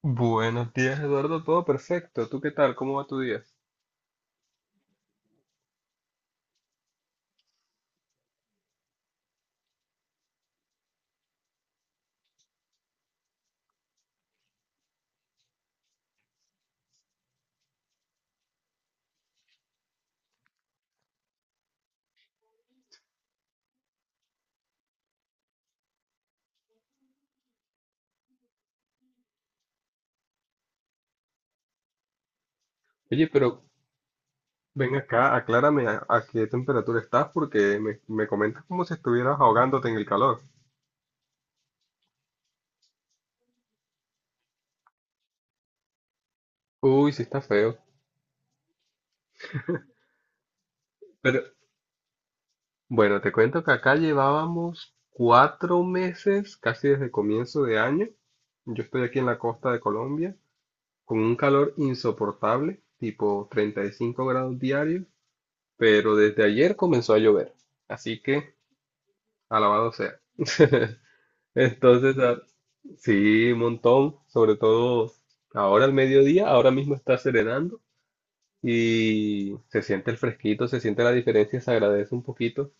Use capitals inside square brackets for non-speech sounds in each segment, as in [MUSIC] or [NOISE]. Buenos días, Eduardo. Todo perfecto. ¿Tú qué tal? ¿Cómo va tu día? Oye, pero ven acá, aclárame a qué temperatura estás porque me comentas como si estuvieras ahogándote en el calor. Uy, sí está feo. Pero bueno, te cuento que acá llevábamos cuatro meses, casi desde comienzo de año. Yo estoy aquí en la costa de Colombia, con un calor insoportable, tipo 35 grados diarios, pero desde ayer comenzó a llover. Así que, alabado sea. Entonces, sí, un montón, sobre todo ahora al mediodía, ahora mismo está serenando y se siente el fresquito, se siente la diferencia, se agradece un poquito,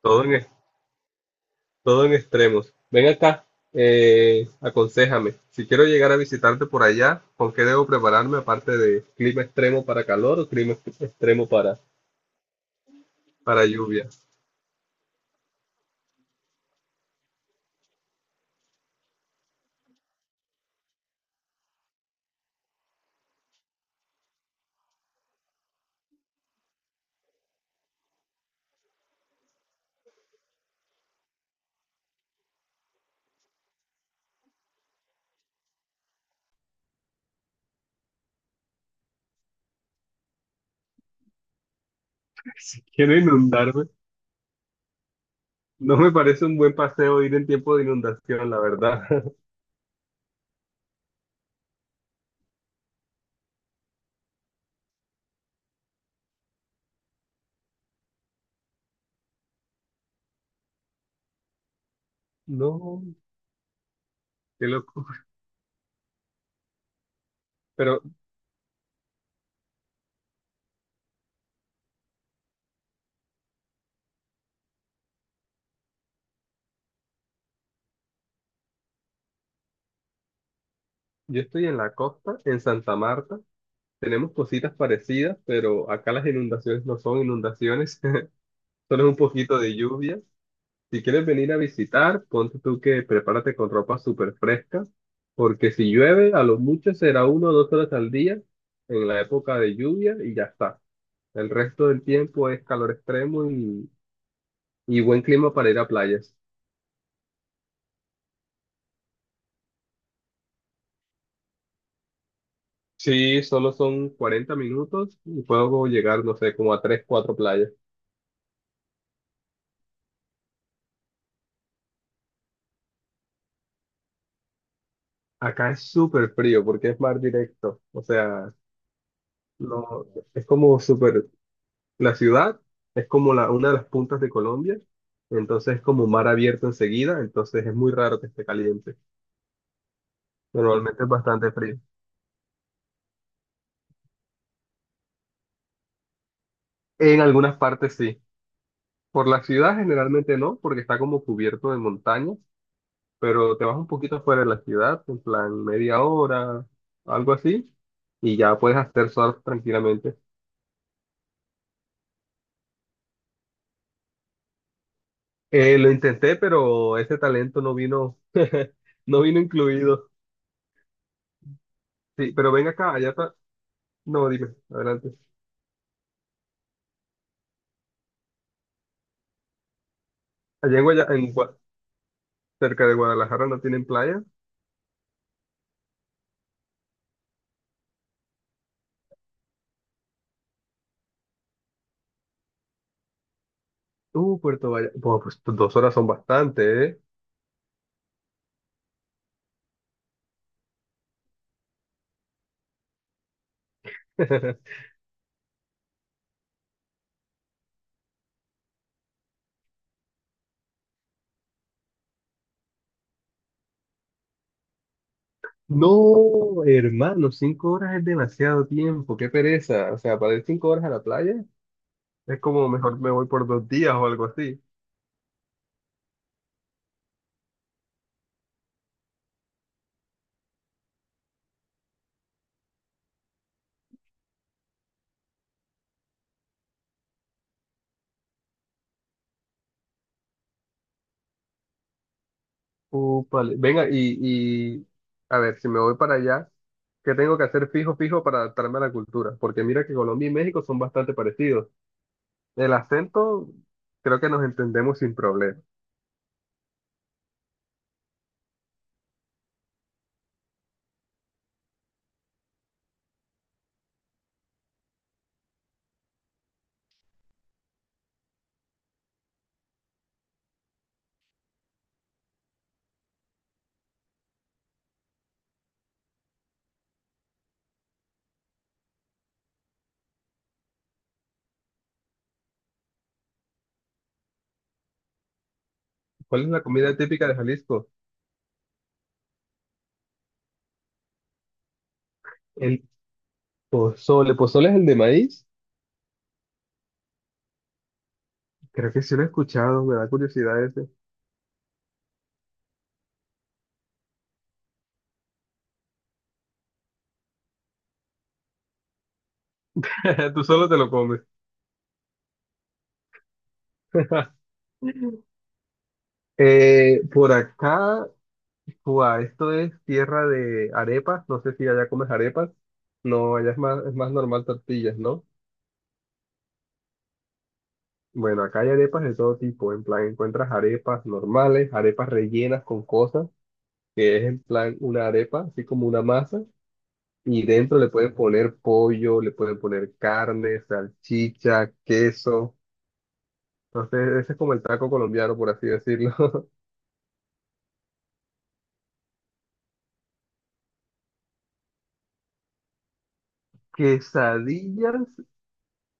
todo todo en extremos. Ven acá, aconséjame, si quiero llegar a visitarte por allá, ¿con qué debo prepararme aparte de clima extremo para calor o clima extremo para lluvia? [LAUGHS] Quiero inundarme, no me parece un buen paseo ir en tiempo de inundación, la verdad. [LAUGHS] No, qué loco. Pero. Yo estoy en la costa, en Santa Marta. Tenemos cositas parecidas, pero acá las inundaciones no son inundaciones, [LAUGHS] solo es un poquito de lluvia. Si quieres venir a visitar, ponte tú que prepárate con ropa súper fresca, porque si llueve, a lo mucho será uno o dos horas al día en la época de lluvia y ya está. El resto del tiempo es calor extremo y buen clima para ir a playas. Sí, solo son 40 minutos y puedo llegar, no sé, como a 3 4 playas. Acá es súper frío porque es mar directo. O sea, no, es como súper... La ciudad es como una de las puntas de Colombia. Entonces es como mar abierto enseguida. Entonces es muy raro que esté caliente. Normalmente es bastante frío. En algunas partes sí. Por la ciudad generalmente no, porque está como cubierto de montañas. Pero te vas un poquito afuera de la ciudad, en plan media hora, algo así. Y ya puedes hacer surf tranquilamente. Lo intenté, pero ese talento no vino, [LAUGHS] no vino incluido. Sí, pero ven acá, allá está. No, dime, adelante. Allá en, Guaya- en Gua- Cerca de Guadalajara no tienen playa. Puerto Vallarta. Bueno, pues, dos horas son bastante, ¿eh? [LAUGHS] No, hermano, cinco horas es demasiado tiempo, qué pereza. O sea, para ir cinco horas a la playa es como mejor me voy por dos días o algo así. Úpale. Venga, y a ver, si me voy para allá, ¿qué tengo que hacer fijo, fijo para adaptarme a la cultura? Porque mira que Colombia y México son bastante parecidos. El acento, creo que nos entendemos sin problema. ¿Cuál es la comida típica de Jalisco? El pozole. ¿Pozole es el de maíz? Creo que sí lo he escuchado, me da curiosidad ese. [LAUGHS] Tú solo te lo comes. [LAUGHS] Por acá, ua, esto es tierra de arepas. No sé si allá comes arepas. No, allá es más normal tortillas, ¿no? Bueno, acá hay arepas de todo tipo. En plan, encuentras arepas normales, arepas rellenas con cosas, que es en plan una arepa, así como una masa. Y dentro le pueden poner pollo, le pueden poner carne, salchicha, queso. Entonces, ese es como el taco colombiano, por así decirlo. [LAUGHS] Quesadillas,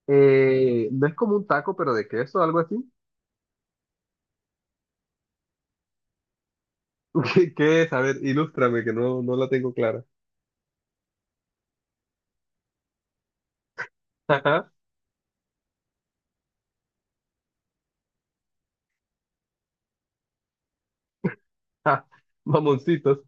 no es como un taco, pero de queso, algo así. [LAUGHS] ¿Qué, qué es? A ver, ilústrame, que no la tengo clara. Ajá. [LAUGHS] Ah, mamoncitos.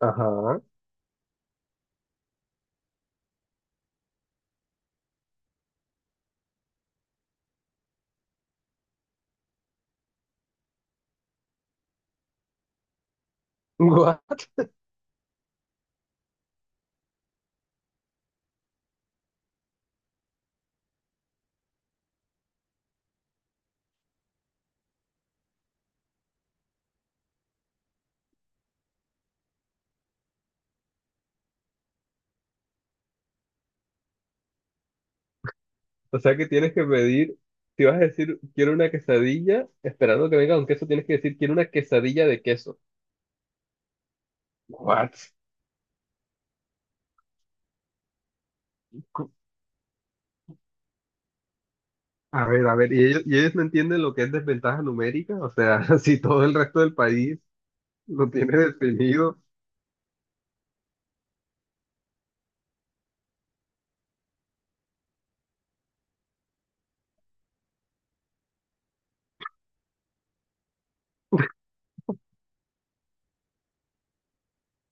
Ajá. [LAUGHS] O sea que tienes que pedir, si vas a decir quiero una quesadilla, esperando que venga un queso, tienes que decir quiero una quesadilla de queso. What? Cu- a ver, ¿ y ellos no entienden lo que es desventaja numérica? O sea, [LAUGHS] si todo el resto del país lo tiene definido,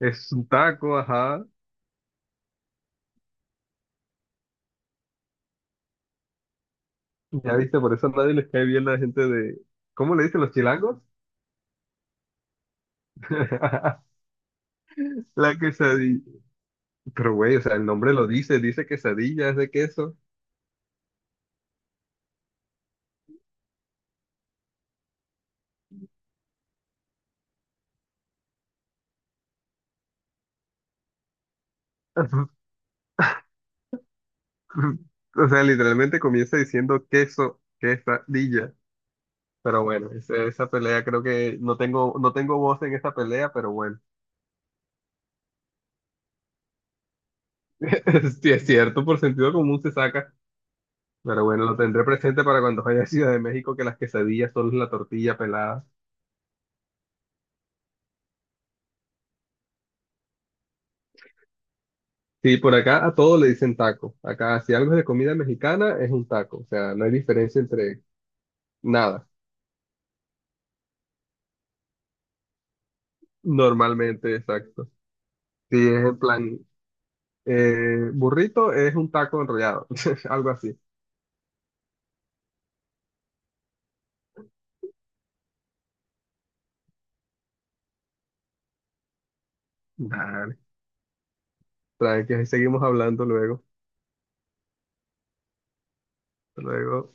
es un taco, ajá. Ya viste, por eso a nadie les cae bien la gente de... ¿Cómo le dicen los chilangos? [LAUGHS] La quesadilla. Pero güey, o sea, el nombre lo dice, dice quesadilla, es de queso. [LAUGHS] [LAUGHS] O sea, literalmente comienza diciendo queso, quesadilla. Pero bueno, esa pelea creo que no tengo voz en esa pelea, pero bueno. [LAUGHS] Sí, es cierto, por sentido común se saca. Pero bueno, lo tendré presente para cuando vaya a Ciudad de México, que las quesadillas son la tortilla pelada. Sí, por acá a todo le dicen taco. Acá, si algo es de comida mexicana, es un taco. O sea, no hay diferencia entre nada. Normalmente, exacto. Si es en plan, burrito es un taco enrollado, [LAUGHS] algo así. Nah, tranqui, ahí seguimos hablando luego. Hasta luego.